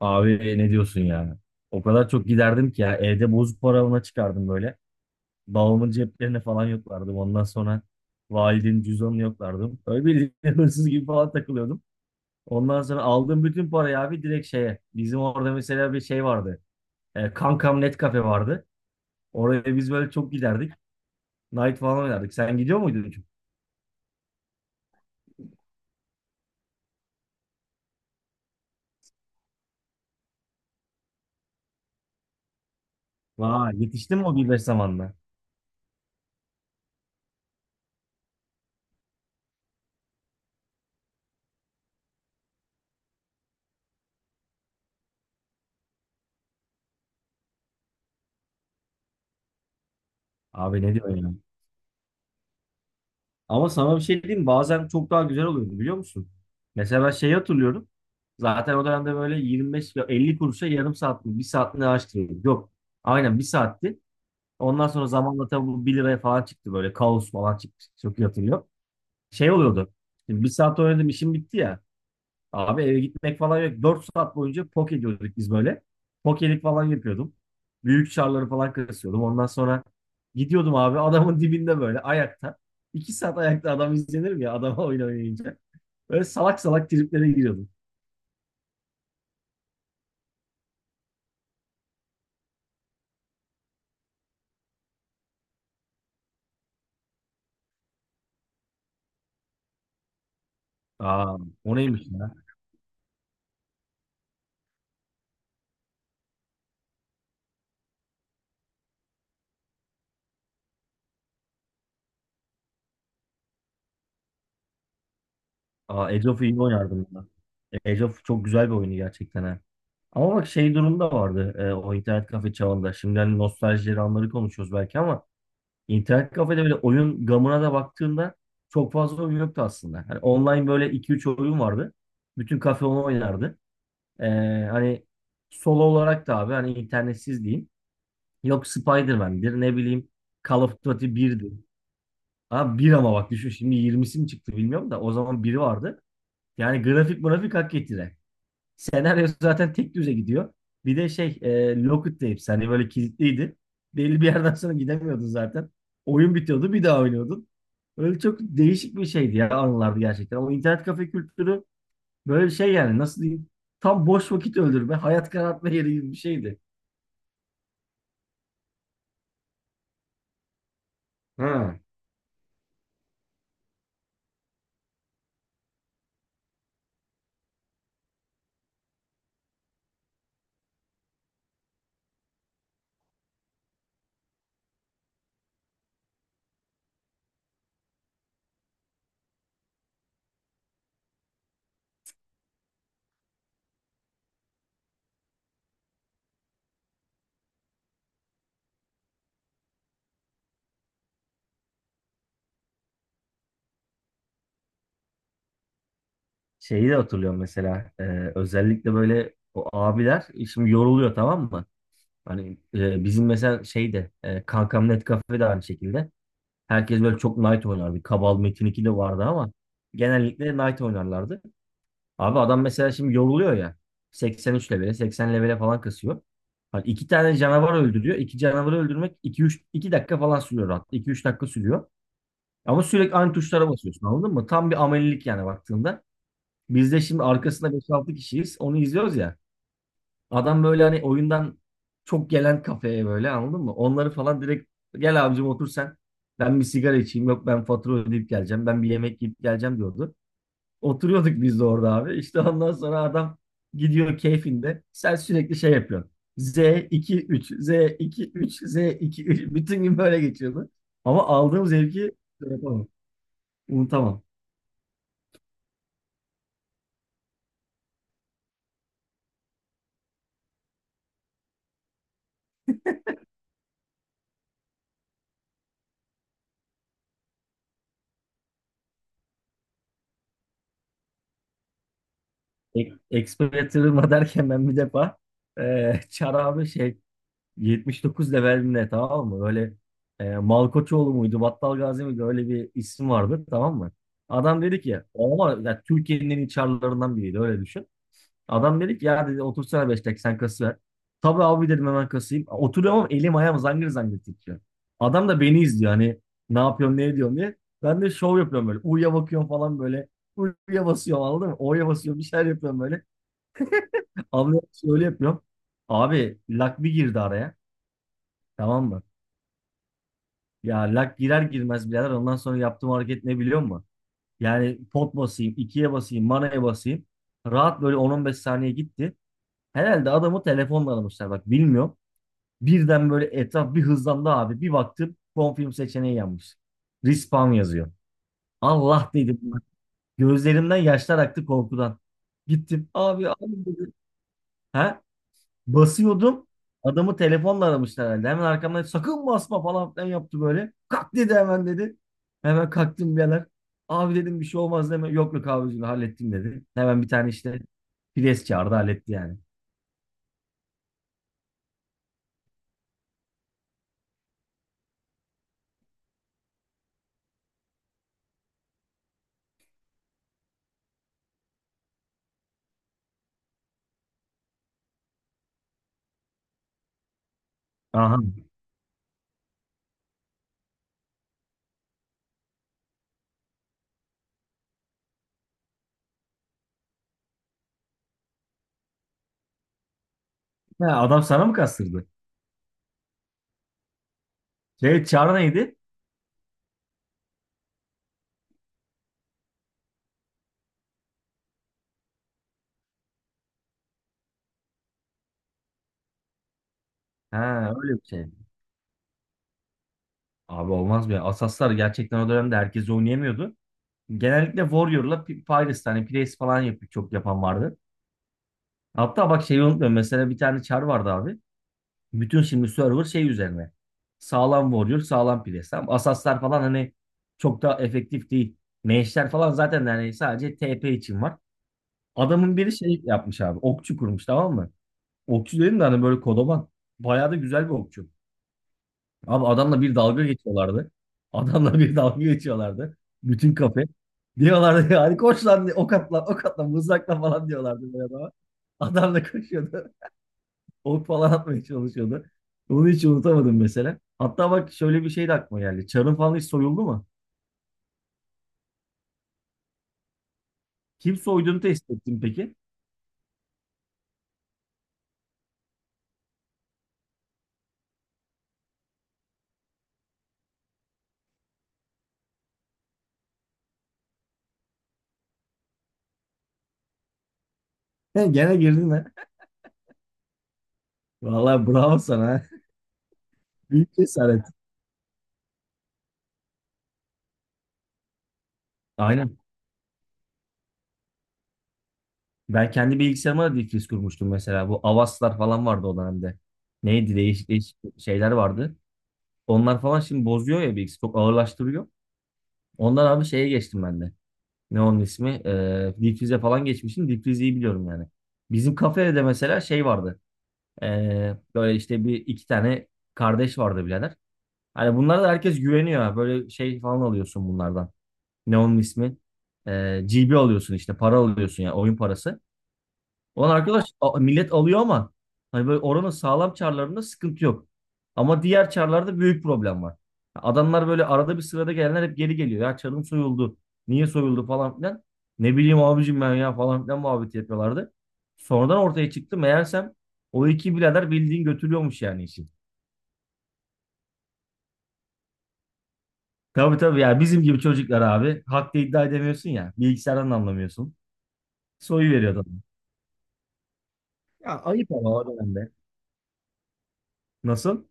Abi ne diyorsun ya? O kadar çok giderdim ki ya, evde bozuk para ona çıkardım böyle. Babamın ceplerine falan yoklardım. Ondan sonra validenin cüzdanını yoklardım. Öyle bir hırsız gibi falan takılıyordum. Ondan sonra aldığım bütün parayı abi direkt şeye. Bizim orada mesela bir şey vardı. Kankam Net Cafe vardı. Oraya biz böyle çok giderdik. Night falan oynardık. Sen gidiyor muydun? Vay, yetiştin mi o 1.5 zamanla? Abi ne diyorsun ya? Ama sana bir şey diyeyim mi? Bazen çok daha güzel oluyordu, biliyor musun? Mesela ben şeyi hatırlıyorum. Zaten o dönemde böyle 25 ve 50 kuruşa yarım saat mi, bir saat mi ne araştırıyorduk. Yok. Aynen bir saatti. Ondan sonra zamanla tabii bu 1 liraya falan çıktı, böyle kaos falan çıktı. Çok iyi hatırlıyorum. Şey oluyordu. Şimdi bir saat oynadım, işim bitti ya. Abi eve gitmek falan yok. 4 saat boyunca pok ediyorduk biz böyle. Pokelik falan yapıyordum. Büyük çarları falan kasıyordum. Ondan sonra gidiyordum abi adamın dibinde böyle ayakta. 2 saat ayakta adam izlenir mi ya, adama oyun oynayınca? Böyle salak salak triplere giriyordum. Aa, o neymiş ya? Aa, Age of iyi oynardım ben. Age of çok güzel bir oyunu gerçekten, ha. Ama bak şey durumda vardı, o internet kafe çağında. Şimdi hani nostaljileri anları konuşuyoruz belki ama İnternet kafede böyle oyun gamına da baktığımda çok fazla oyun yoktu aslında. Hani online böyle iki üç oyun vardı. Bütün kafe onu oynardı. Ee, hani solo olarak da abi, hani internetsiz diyeyim. Yok Spider-Man'dir, ne bileyim Call of Duty 1'dir. Abi bir ama bak düşün, şimdi 20'si mi çıktı bilmiyorum da o zaman biri vardı. Yani grafik grafik hak getire. Senaryo zaten tek düze gidiyor. Bir de şey, Lockett de hepsi hani böyle kilitliydi. Belli bir yerden sonra gidemiyordun zaten. Oyun bitiyordu, bir daha oynuyordun. Öyle çok değişik bir şeydi ya, anılardı gerçekten. Ama internet kafe kültürü böyle şey yani, nasıl diyeyim, tam boş vakit öldürme, hayat karartma yeri gibi bir şeydi. Ha. Şeyi de hatırlıyorum mesela, özellikle böyle o abiler şimdi yoruluyor, tamam mı? Hani bizim mesela şeyde, Kankam Net Cafe de aynı şekilde. Herkes böyle çok Knight oynar. Bir Kabal Metin 2 de vardı ama genellikle Knight oynarlardı. Abi adam mesela şimdi yoruluyor ya. 83 levele, 80 levele falan kasıyor. Hani iki tane canavar öldürüyor. İki canavarı öldürmek 2-3, 2 dakika falan sürüyor rahat. 2-3 dakika sürüyor. Ama sürekli aynı tuşlara basıyorsun, anladın mı? Tam bir amelilik yani baktığında. Biz de şimdi arkasında 5-6 kişiyiz. Onu izliyoruz ya. Adam böyle hani oyundan çok gelen kafeye böyle, anladın mı? Onları falan direkt, gel abicim otur sen. Ben bir sigara içeyim. Yok, ben fatura ödeyip geleceğim. Ben bir yemek yiyip geleceğim diyordu. Oturuyorduk biz de orada abi. İşte ondan sonra adam gidiyor keyfinde. Sen sürekli şey yapıyorsun. Z2-3, Z2-3, Z2-3. Bütün gün böyle geçiyordu. Ama aldığım zevki şey yapamam. Unutamam. E Exploiter'ıma derken, ben bir defa Çar abi şey, 79 levelimle, tamam mı? Böyle Malkoçoğlu muydu, Battal Gazi miydi? Öyle bir isim vardı, tamam mı? Adam dedi ki ama ya, Türkiye'nin en iyi çarlarından biriydi, öyle düşün. Adam dedi ki ya, dedi, otursana 5 dakika sen kası ver. Tabii abi dedim, hemen kasayım. Oturuyorum ama elim ayağım zangır zangır titriyor. Adam da beni izliyor hani ne yapıyorum, ne ediyorum diye. Ben de şov yapıyorum böyle. U'ya bakıyorum falan böyle. U'ya basıyorum, anladın mı? O'ya basıyorum, bir şeyler yapıyorum böyle. Anlıyorum, öyle yapıyorum. Abi lak bir girdi araya. Tamam mı? Ya lak girer girmez birader, ondan sonra yaptığım hareket ne biliyor musun? Yani pot basayım, ikiye basayım, manaya basayım. Rahat böyle 10-15 saniye gitti. Herhalde adamı telefonla aramışlar bak, bilmiyorum. Birden böyle etraf bir hızlandı abi. Bir baktım, film seçeneği yanmış. Respawn yazıyor. Allah dedim. Gözlerimden yaşlar aktı korkudan. Gittim, abi abi dedi. He? Basıyordum. Adamı telefonla aramışlar herhalde. Hemen arkamdan sakın basma falan filan yaptı böyle. Kalk dedi, hemen dedi. Hemen kalktım birader. Abi dedim, bir şey olmaz deme. Yok yok abicim, hallettim dedi. Hemen bir tane işte pres çağırdı, halletti yani. Aha. Ha, adam sana mı kastırdı? Şey çağrı neydi? Ha, öyle bir şey. Abi olmaz be. Asaslar gerçekten o dönemde herkes oynayamıyordu. Genellikle Warrior'la Pyrus, hani Pires falan yapıp çok yapan vardı. Hatta bak şeyi unutmuyorum. Mesela bir tane Char vardı abi. Bütün şimdi server şey üzerine. Sağlam Warrior, sağlam Priest. Tamam. Asaslar falan hani çok da efektif değil. Mage'ler falan zaten hani sadece TP için var. Adamın biri şey yapmış abi. Okçu kurmuş, tamam mı? Okçu dedim de hani böyle kodoman. Bayağı da güzel bir okçu. Abi adamla bir dalga geçiyorlardı. Adamla bir dalga geçiyorlardı. Bütün kafe. Diyorlardı yani, koş lan, ok at lan, ok at lan, mızrakla falan diyorlardı böyle adama. Adam da koşuyordu, ok falan atmaya çalışıyordu. Onu hiç unutamadım mesela. Hatta bak, şöyle bir şey de aklıma geldi. Çarın falan hiç soyuldu mu? Kim soyduğunu test ettin peki? Gene girdin ha. Vallahi bravo sana, ha. Büyük cesaret. Aynen. Ben kendi bilgisayarıma da difriz kurmuştum mesela. Bu Avaslar falan vardı o dönemde. Neydi, değişik değişik şeyler vardı. Onlar falan şimdi bozuyor ya bilgisayarı. Çok ağırlaştırıyor. Ondan abi şeye geçtim ben de. Ne onun ismi? Difrize falan geçmişim. Difrizi iyi biliyorum yani. Bizim kafede de mesela şey vardı. Böyle işte bir iki tane kardeş vardı birader. Hani bunlara da herkes güveniyor, ha. Böyle şey falan alıyorsun bunlardan. Ne onun ismi? GB alıyorsun işte, para alıyorsun ya, oyun parası. Ulan arkadaş, millet alıyor ama hani böyle oranın sağlam çarlarında sıkıntı yok. Ama diğer çarlarda büyük problem var. Adamlar böyle arada bir sırada gelenler hep geri geliyor. Ya çarım soyuldu. Niye soyuldu falan filan. Ne bileyim abicim ben ya falan filan muhabbet yapıyorlardı. Sonradan ortaya çıktı. Meğersem o iki birader bildiğin götürüyormuş yani işi. Tabii tabii ya, bizim gibi çocuklar abi. Hakta iddia edemiyorsun ya. Bilgisayardan da anlamıyorsun. Soyu veriyor adam. Ya ayıp ama o dönemde. Nasıl?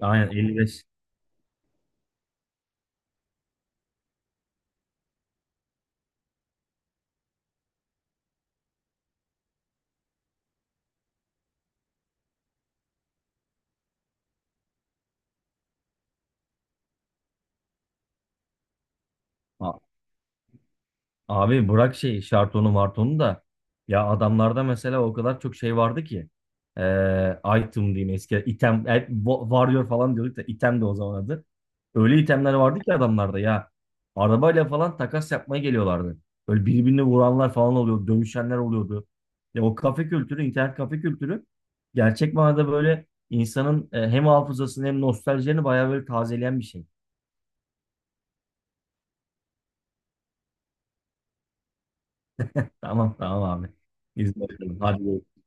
Aynen 55. Abi bırak şey şartonu martonu da ya, adamlarda mesela o kadar çok şey vardı ki, item diyeyim, eski item, warrior falan diyorduk da item de o zaman adı. Öyle itemler vardı ki adamlarda ya, arabayla falan takas yapmaya geliyorlardı. Böyle birbirini vuranlar falan oluyordu, dövüşenler oluyordu. Ya o kafe kültürü, internet kafe kültürü gerçek manada böyle insanın hem hafızasını hem nostaljilerini bayağı böyle tazeleyen bir şey. Tamam tamam abi. İzin veriyorum. Hadi.